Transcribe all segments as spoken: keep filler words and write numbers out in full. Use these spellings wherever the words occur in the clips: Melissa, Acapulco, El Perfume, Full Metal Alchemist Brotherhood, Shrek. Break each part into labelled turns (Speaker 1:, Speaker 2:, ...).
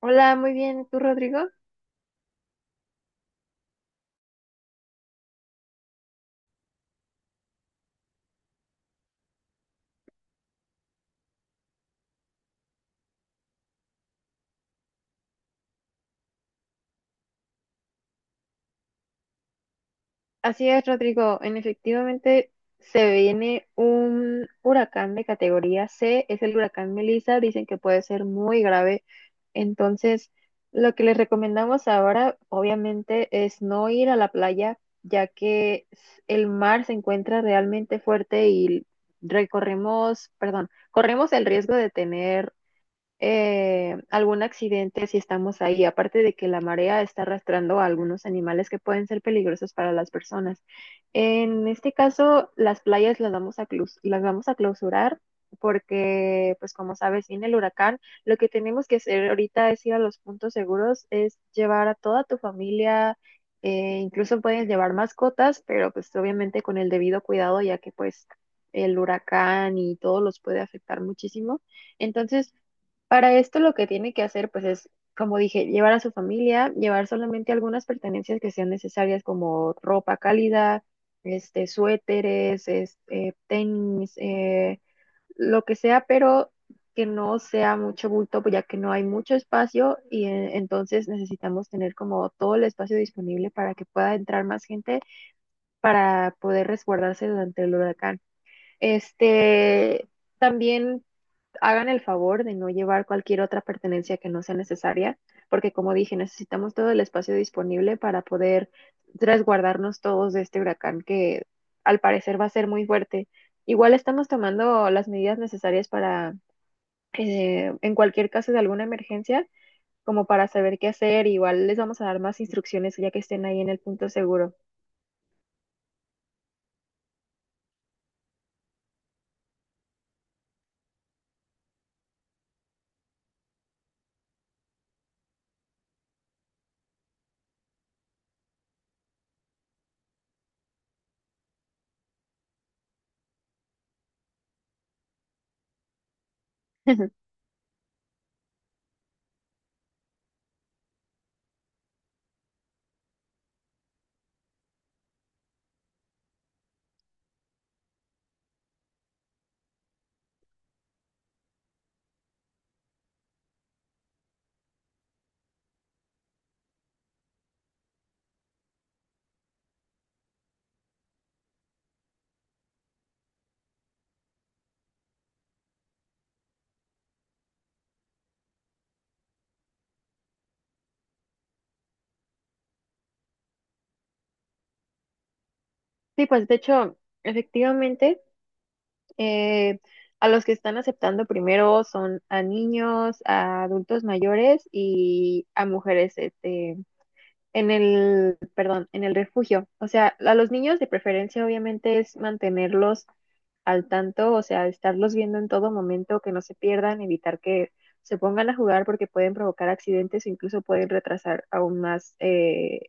Speaker 1: Hola, muy bien. ¿Tú, Rodrigo? Así es, Rodrigo. En efectivamente se viene un huracán de categoría C. Es el huracán Melissa. Dicen que puede ser muy grave. Entonces, lo que les recomendamos ahora, obviamente, es no ir a la playa, ya que s- el mar se encuentra realmente fuerte y recorremos, perdón, corremos el riesgo de tener eh, algún accidente si estamos ahí, aparte de que la marea está arrastrando a algunos animales que pueden ser peligrosos para las personas. En este caso, las playas las vamos a, claus- las vamos a clausurar porque, pues como sabes, viene el huracán. Lo que tenemos que hacer ahorita es ir a los puntos seguros, es llevar a toda tu familia. Eh, incluso puedes llevar mascotas, pero pues obviamente con el debido cuidado, ya que pues el huracán y todo los puede afectar muchísimo. Entonces, para esto lo que tiene que hacer, pues es, como dije, llevar a su familia, llevar solamente algunas pertenencias que sean necesarias, como ropa cálida, este, suéteres, este, tenis, eh, lo que sea, pero que no sea mucho bulto, pues, ya que no hay mucho espacio y eh, entonces necesitamos tener como todo el espacio disponible para que pueda entrar más gente para poder resguardarse durante el huracán. Este, también hagan el favor de no llevar cualquier otra pertenencia que no sea necesaria, porque como dije, necesitamos todo el espacio disponible para poder resguardarnos todos de este huracán que al parecer va a ser muy fuerte. Igual estamos tomando las medidas necesarias para, eh, en cualquier caso de alguna emergencia, como para saber qué hacer. Igual les vamos a dar más instrucciones ya que estén ahí en el punto seguro. Sí, pues de hecho, efectivamente, Eh, a los que están aceptando primero son a niños, a adultos mayores y a mujeres, este, en el, perdón, en el refugio. O sea, a los niños de preferencia obviamente es mantenerlos al tanto, o sea, estarlos viendo en todo momento, que no se pierdan, evitar que se pongan a jugar porque pueden provocar accidentes o incluso pueden retrasar aún más eh,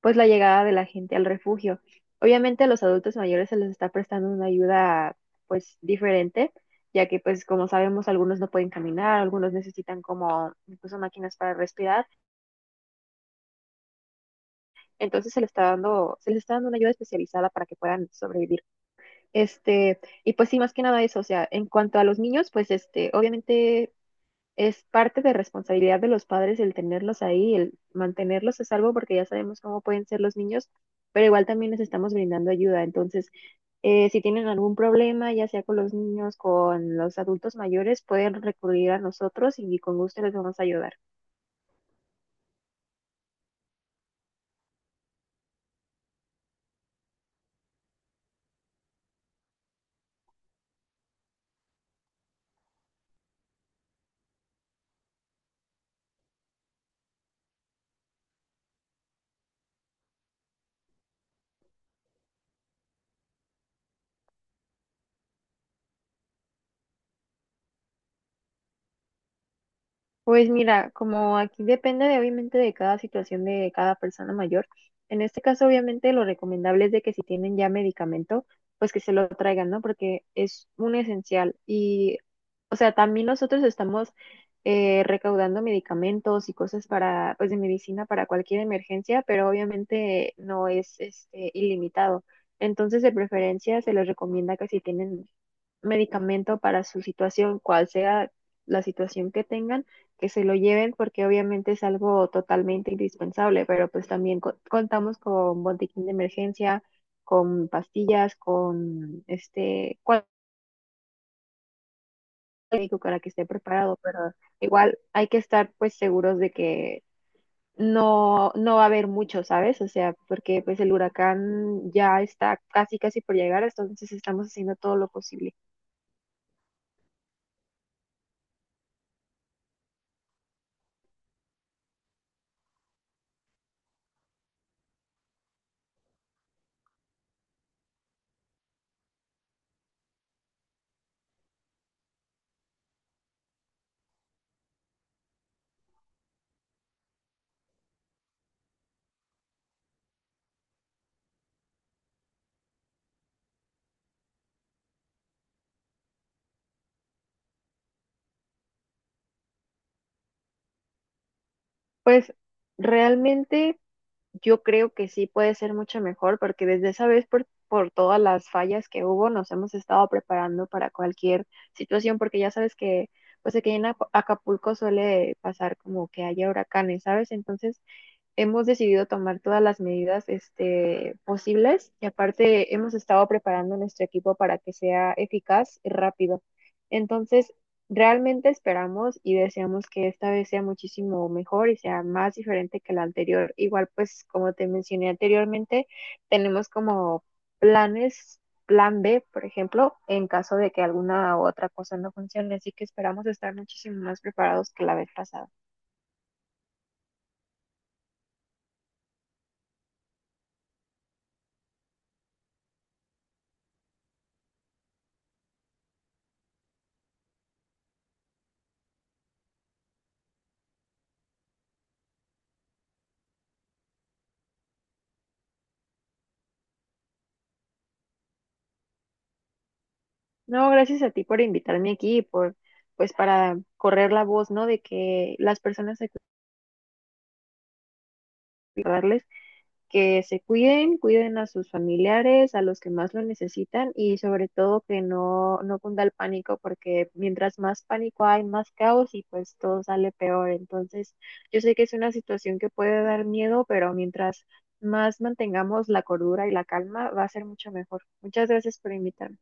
Speaker 1: pues la llegada de la gente al refugio. Obviamente a los adultos mayores se les está prestando una ayuda pues diferente, ya que pues como sabemos algunos no pueden caminar, algunos necesitan como incluso máquinas para respirar, entonces se les está dando se les está dando una ayuda especializada para que puedan sobrevivir. Este, y pues sí, más que nada eso, o sea, en cuanto a los niños, pues este, obviamente es parte de responsabilidad de los padres el tenerlos ahí, el mantenerlos a salvo, porque ya sabemos cómo pueden ser los niños, pero igual también les estamos brindando ayuda. Entonces, eh, si tienen algún problema, ya sea con los niños, con los adultos mayores, pueden recurrir a nosotros y con gusto les vamos a ayudar. Pues mira, como aquí depende de, obviamente de cada situación de cada persona mayor, en este caso obviamente lo recomendable es de que si tienen ya medicamento, pues que se lo traigan, ¿no? Porque es un esencial. Y, o sea, también nosotros estamos eh, recaudando medicamentos y cosas para, pues de medicina para cualquier emergencia, pero obviamente no es este, ilimitado. Entonces, de preferencia, se les recomienda que si tienen medicamento para su situación, cual sea la situación que tengan, que se lo lleven porque obviamente es algo totalmente indispensable, pero pues también co- contamos con botiquín de emergencia, con pastillas, con este cual- médico para que esté preparado, pero igual hay que estar pues seguros de que no no va a haber mucho, ¿sabes? O sea, porque pues el huracán ya está casi casi por llegar, entonces estamos haciendo todo lo posible. Pues realmente yo creo que sí puede ser mucho mejor porque desde esa vez por, por todas las fallas que hubo nos hemos estado preparando para cualquier situación porque ya sabes que pues aquí en Aca- Acapulco suele pasar como que haya huracanes, ¿sabes? Entonces hemos decidido tomar todas las medidas este, posibles y aparte hemos estado preparando nuestro equipo para que sea eficaz y rápido. Entonces, realmente esperamos y deseamos que esta vez sea muchísimo mejor y sea más diferente que la anterior. Igual, pues, como te mencioné anteriormente, tenemos como planes, plan B, por ejemplo, en caso de que alguna u otra cosa no funcione. Así que esperamos estar muchísimo más preparados que la vez pasada. No, gracias a ti por invitarme aquí, por, pues para correr la voz, ¿no? De que las personas hay que cuidarles, que se cuiden, cuiden a sus familiares, a los que más lo necesitan y sobre todo que no, no cunda el pánico, porque mientras más pánico hay, más caos y pues todo sale peor. Entonces, yo sé que es una situación que puede dar miedo, pero mientras más mantengamos la cordura y la calma, va a ser mucho mejor. Muchas gracias por invitarme.